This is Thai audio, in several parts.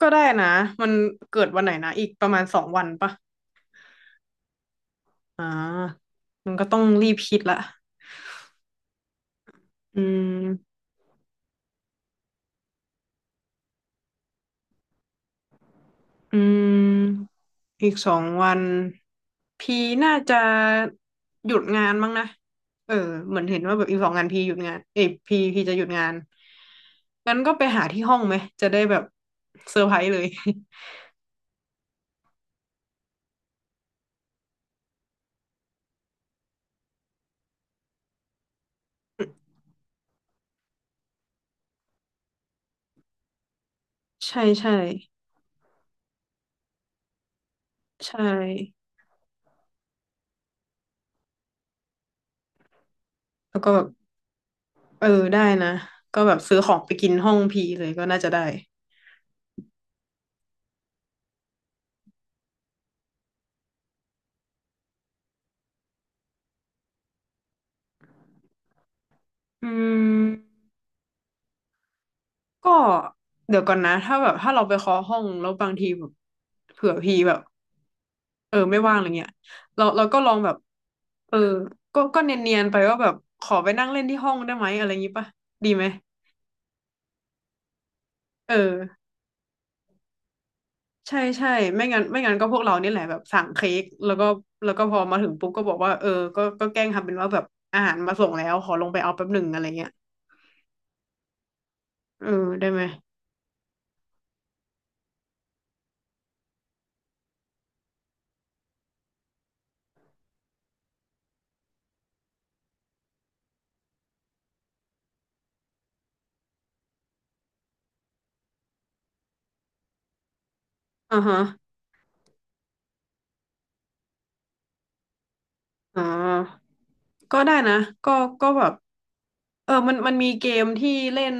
ก็ได้นะมันเกิดวันไหนนะอีกประมาณสองวันปะอ่ามันก็ต้องรีบคิดละอืมอืมอีกสองวัน พีน่าจะหยุดงานมั้งนะ เออ เหมือนเห็นว่าแบบอีกสองงานพีหยุดงาน เอยพีจะหยุดงานงั้นก็ไปหาที่ห้องไหมจะได้แบบเซอร์ไพรส์เลย ใช่ใช่ใช่ แล้วก็แบบเออได้นะก็แบบซื้อของไปกินห้องพีเลยก็น่าจะได้อืม ก็เดี๋ยวก่อนนะถ้าแบบถ้าเราไปเคาะห้องแล้วบางทีแบบเผื่อพี่แบบเออไม่ว่างอะไรเงี้ยเราก็ลองแบบเออก็ก็เนียนๆไปว่าแบบขอไปนั่งเล่นที่ห้องได้ไหมอะไรอย่างงี้ปะดีไหมเออใช่ใช่ไม่งั้นไม่งั้นก็พวกเรานี่แหละแบบสั่งเค้กแล้วก็แล้วก็พอมาถึงปุ๊บก็บอกว่าก็แกล้งทำเป็นว่าแบบอาหารมาส่งแล้วขอลงไปเอาแป๊บหนึ่งอะไรเงี้ยอได้ไหมอ่าฮะอ๋อ ก็ได้นะก็ก็แบบมันมีเกมที่เล่น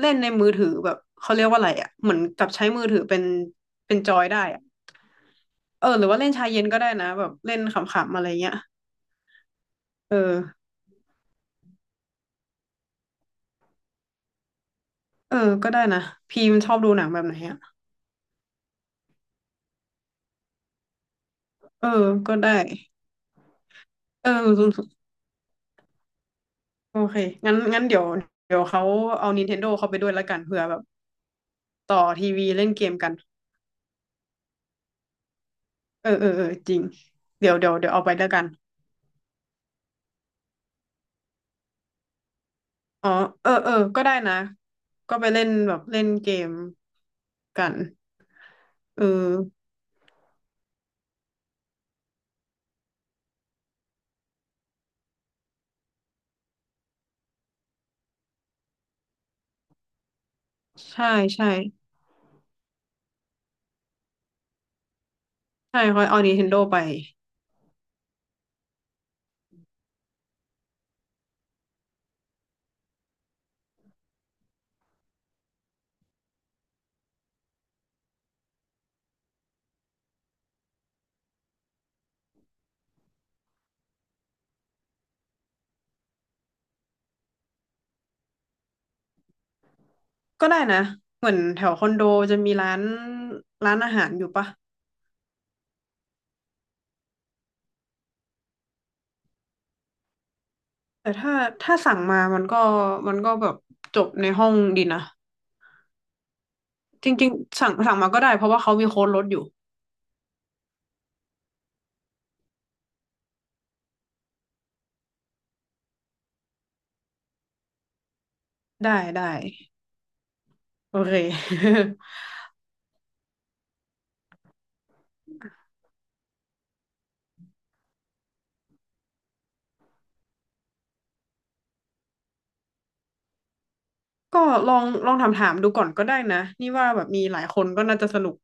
เล่นในมือถือแบบเขาเรียกว่าอะไรอ่ะเหมือนกับใช้มือถือเป็นเป็นจอยได้อ่ะหรือว่าเล่นชายเย็นก็ได้นะแบบเล่นขำๆอะไรเงี้ยเออเออก็ได้นะพีมชอบดูหนังแบบไหนอ่ะเออก็ได้เออโอเคงั้นงั้นเดี๋ยวเดี๋ยวเขาเอา Nintendo เขาไปด้วยแล้วกันเผื่อแบบต่อทีวีเล่นเกมกันเออจริงเดี๋ยวเอาไปแล้วกัน อ๋อเออก็ได้นะก็ไปเล่นแบบเล่นเกมกันเออใช่ใช่ใช่เขาเอา Nintendo ไปก็ได้นะเหมือนแถวคอนโดจะมีร้านร้านอาหารอยู่ปะแต่ถ้าถ้าสั่งมามันก็แบบจบในห้องดีนะจริงๆสั่งมาก็ได้เพราะว่าเขามีโค้ดลดอยู่ได้ได้โอเค ก็ลองถามถามดูก่อนก็ได้นะนี่ว่าแบบมีหลายคนก็น่าจะสนุก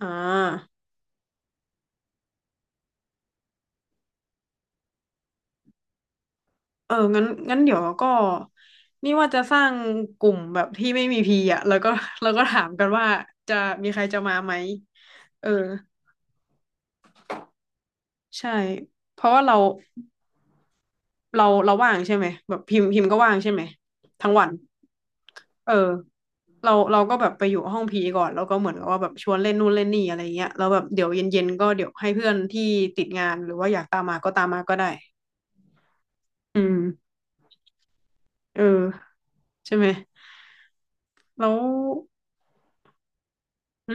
อ่า เอองั้นงั้นเดี๋ยวก็นี่ว่าจะสร้างกลุ่มแบบที่ไม่มีพีอ่ะแล้วก็ แล้วก็ถามกันว่าจะมีใครจะมาไหมเออใช่เพราะว่าเราว่างใช่ไหมแบบพิมพ์พิมพ์ก็ว่างใช่ไหมทั้งวันอเราเราก็แบบไปอยู่ห้องพีก่อนแล้วก็เหมือนกับว่าแบบชวนเล่นนู่นเล่นนี่อะไรเงี้ยแล้วแบบเดี๋ยวเย็นๆก็เดี๋ยวให้เพื่อนที่ติดงานหรือว่าอยากตามมาก็ตามมาก็ได้อืมเออใช่ไหมแล้วหึ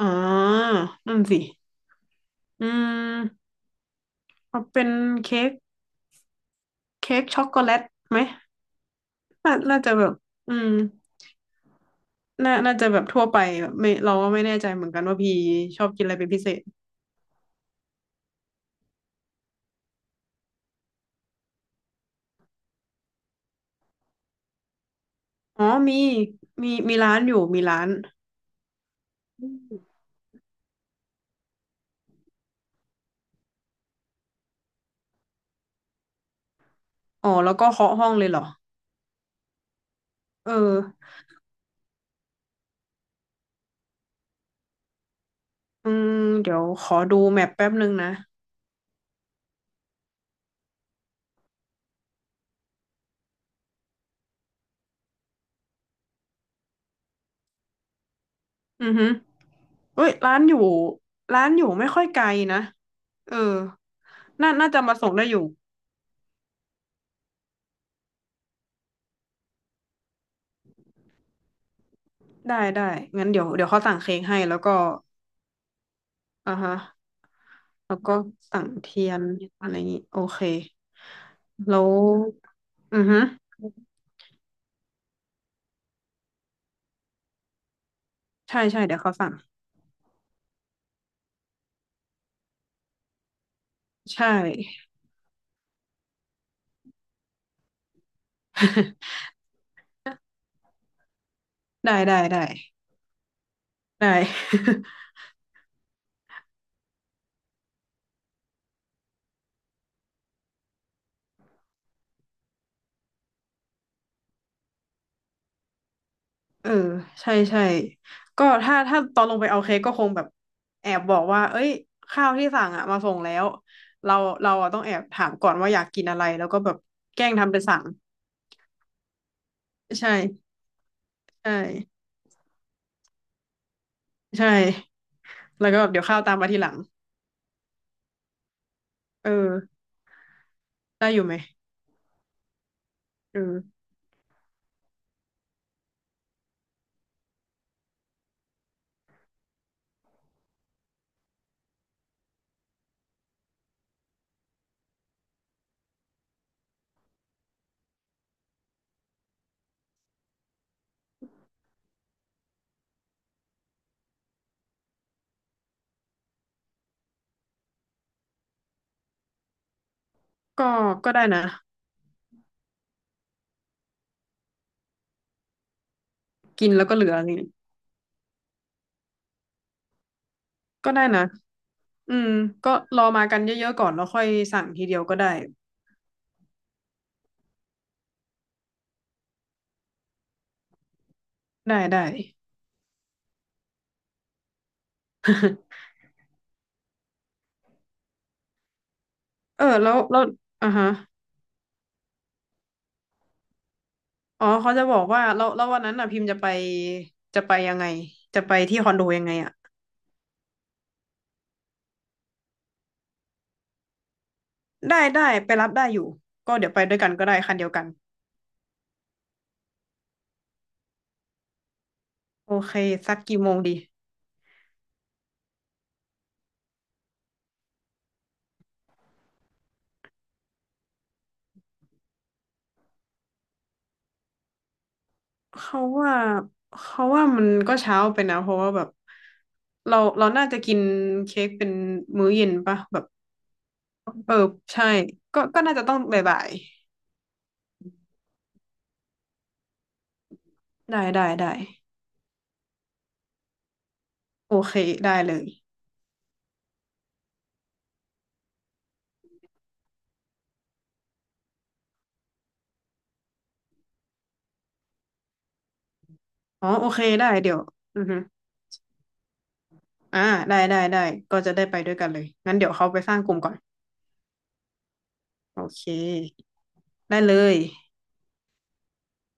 อ่านั่นสิอืมเอาเป็นเค้กเค้กช็อกโกแลตไหมน่าน่าจะแบบอืมน่าน่าจะแบบทั่วไปแบบไม่เราก็ไม่แน่ใจเหมือนกันว่าพี่ชอบกินอะไรเป็นพิเศษอ๋อมีมีร้านอยู่มีร้านอ๋อแล้วก็เคาะห้องเลยเหรอเอออืมเดี๋ยวขอดูแมปแป๊บนึงนะอือฮึเอ้ยร้านอยู่ร้านอยู่ไม่ค่อยไกลนะเออน่าน่าจะมาส่งได้อยู่ได้ได้งั้นเดี๋ยวเขาสั่งเค้กให้แล้วก็ อ่าฮะแล้วก็สั่งเทียนอะไรอย่างนี้โอเคแล้วอือฮึใช่ใช่เดี๋ยวเขาสั่งใช่ ได้ได้ได้ได้ เออใช่ใช่ก็ถ้าตอนลงไปเอาเค้กก็คงแบบแอบบอกว่าเอ้ยข้าวที่สั่งอ่ะมาส่งแล้วเราเราอะต้องแอบถามก่อนว่าอยากกินอะไรแล้วก็แบบแกล้งทำเป็นสั่งใช่ใช่ใช่แล้วก็เดี๋ยวข้าวตามมาทีหลังเออได้อยู่ไหมเออ ก็ก็ได้นะกินแล้วก็เหลือนี่ก็ได้นะอืมก็รอมากันเยอะๆก่อนแล้วค่อยสั่งทีเดียวก็ได้ได้ได้ เออแล้วแล้วอ่ะฮะอ๋อเขาจะบอกว่าแล้วแล้ววันนั้นอ่ะพิมพ์จะไปจะไปยังไงจะไปที่คอนโดยังไงอ่ะได้ได้ไปรับได้อยู่ก็เดี๋ยวไปด้วยกันก็ได้คันเดียวกันโอเคสักกี่โมงดีเขาว่าเขาว่ามันก็เช้าไปนะ เพราะว่าแบบ เราน่าจะกินเค้กเป็นมื้อเย็นปะแบบ เออใช่ก็น่าจะต้องบ่ายๆได้ได้ได้โอเคได้เลยอ๋อโอเคได้เดี๋ยวอือฮึอ่าได้ได้ได้ก็จะได้ไปด้วยกันเลยงั้นเดี๋ยวเขาไปสร้างกลุ่มก่อนโอเคได้เลย